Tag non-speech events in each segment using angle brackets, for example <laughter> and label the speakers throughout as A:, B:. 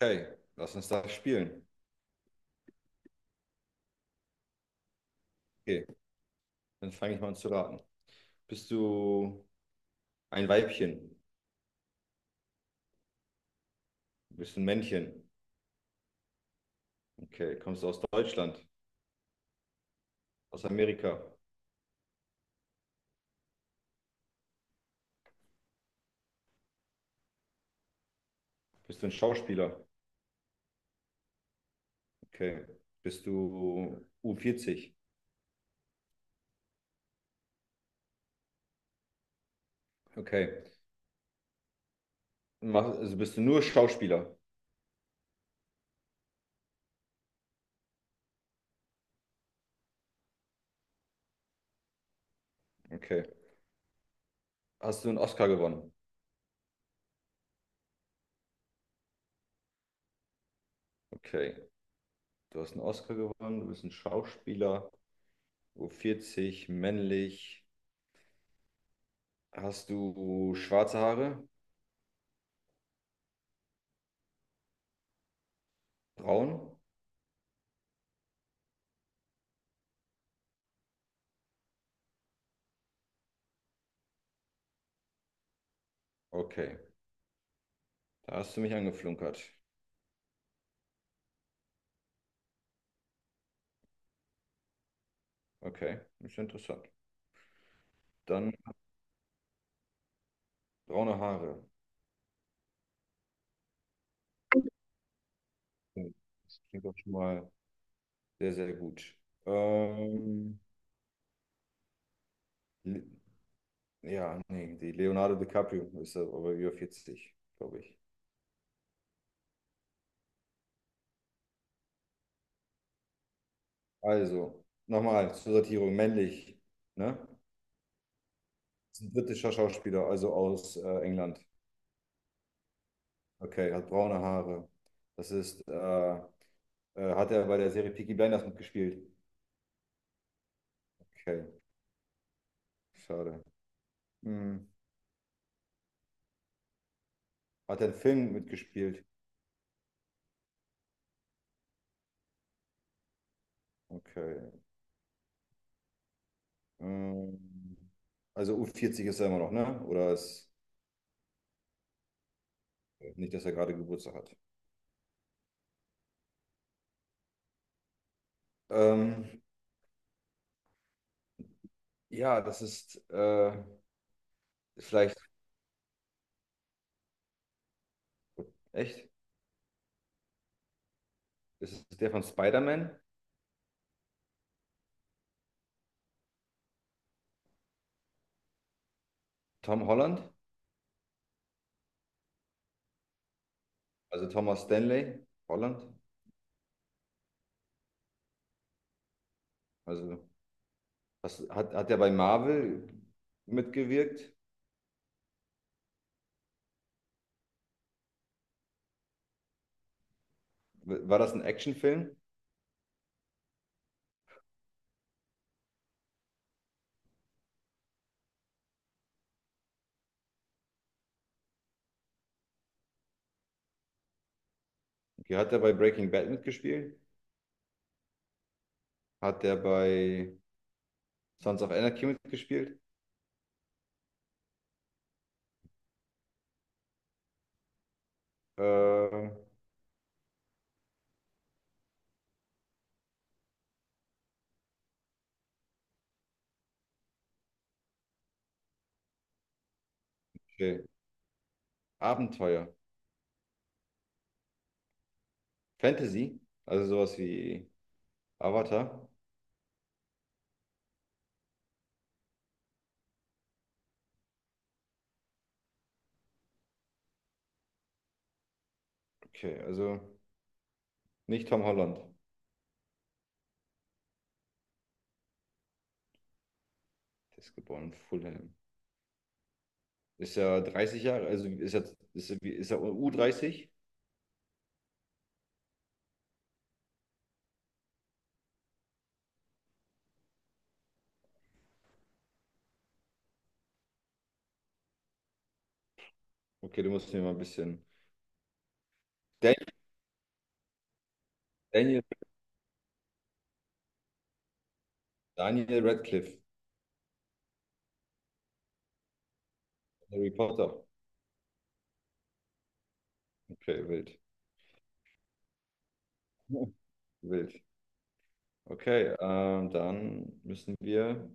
A: Okay, lass uns das spielen. Okay, dann fange ich mal an zu raten. Bist du ein Weibchen? Bist du ein Männchen? Okay, kommst du aus Deutschland? Aus Amerika? Bist du ein Schauspieler? Okay, bist du u vierzig? Okay, also bist du nur Schauspieler? Okay, hast du einen Oscar gewonnen? Okay, du hast einen Oscar gewonnen, du bist ein Schauspieler, u vierzig, männlich. Hast du schwarze Haare? Braun? Okay, da hast du mich angeflunkert. Okay, ist ja interessant. Dann braune Haare. Oh, das klingt doch schon mal sehr, sehr gut. Ähm, Le- ja, nee, die Leonardo DiCaprio ist aber über 40, glaube ich. Also, nochmal zur Sortierung, männlich, ne? Ist ein britischer Schauspieler, also aus England. Okay, hat braune Haare. Das ist, hat er bei der Serie Peaky Blinders mitgespielt? Okay, schade. Hm. Hat er einen Film mitgespielt? Okay. Ähm, also u vierzig ist er immer noch, ne? Oder ist nicht, dass er gerade Geburtstag hat? Ähm, ja, das ist vielleicht echt. Das ist der von Spider-Man, Tom Holland, also Thomas Stanley, Holland. Also was, hat er bei Marvel mitgewirkt? War das ein Actionfilm? Okay, hat er bei Breaking Bad mitgespielt? Hat er bei Sons of Anarchy mitgespielt? Äh, okay. Abenteuer, Fantasy, also sowas wie Avatar? Okay, also nicht Tom Holland. Der ist geboren in Fulham. Ist ja 30 Jahre, also ist er u 30? Okay, du musst mir mal ein bisschen. Dan- Daniel, Daniel Radcliffe, Harry Potter. Okay, wild. <laughs> Wild. Okay, dann müssen wir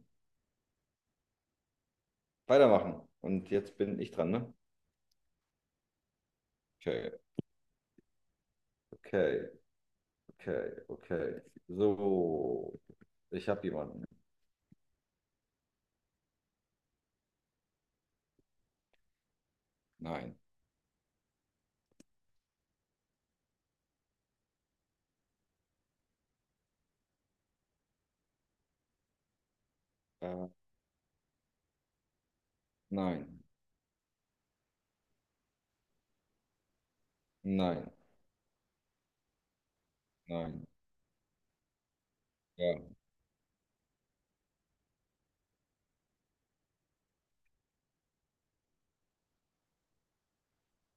A: weitermachen. Und jetzt bin ich dran, ne? Okay, okay, okay, okay. So, ich habe jemanden. Nein. Äh, nein. Nein. Nein. Ja.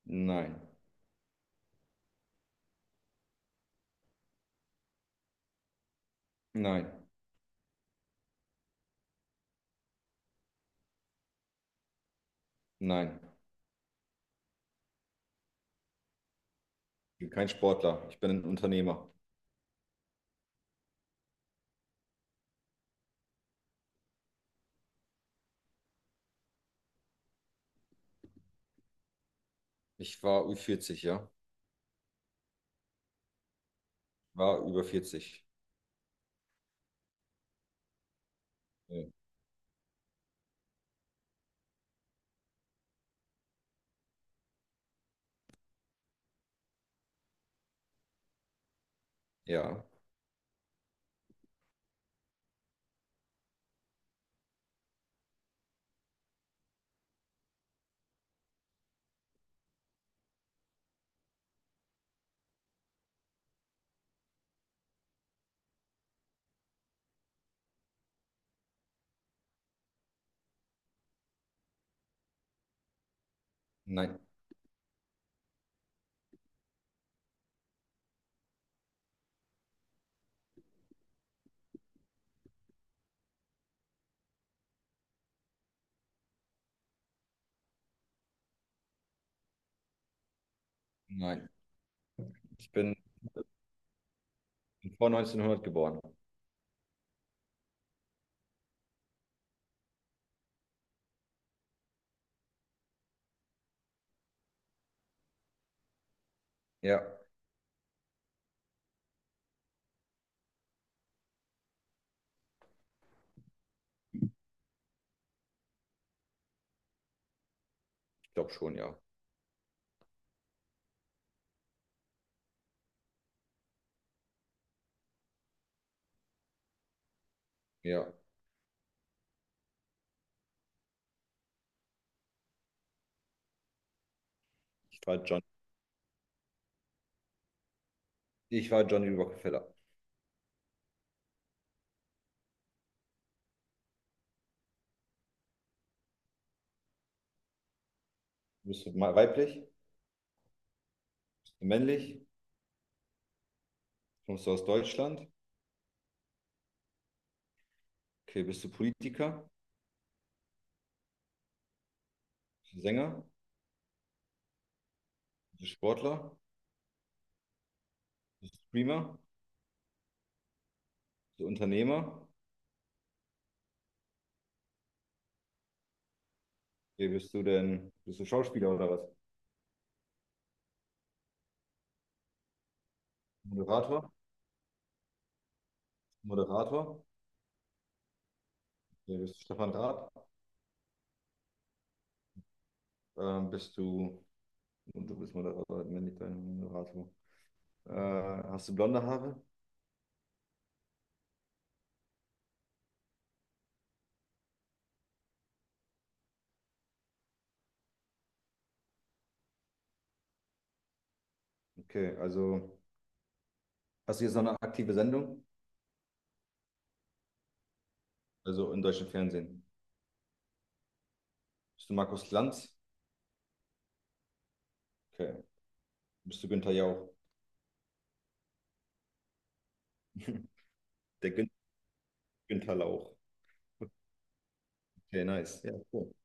A: Nein. Nein, nein, ich bin kein Sportler. Ich bin ein Unternehmer. Ich war über 40, ja. War über 40. Ja. Ja. Nein, nein. Ich bin vor 1900 geboren. Ja, ich glaube schon, ja. Ja, ich war John. Ich war Johnny Rockefeller. Weiblich? Bist du männlich? Kommst du aus Deutschland? Okay, bist du Politiker? Bist du Sänger? Bist du Sportler? Bist du Streamer? Bist du Unternehmer? Okay, bist du Schauspieler oder was? Moderator? Moderator? Okay, bist du Stefan Raab? Ähm, bist du, du bist Moderator, männlich, dein Moderator. Äh, hast du blonde Haare? Okay, also hast du jetzt noch eine aktive Sendung? Also im deutschen Fernsehen. Bist du Markus Lanz? Okay. Bist du Günther Jauch? <laughs> Der Günther Lauch. Okay, nice. Ja, cool.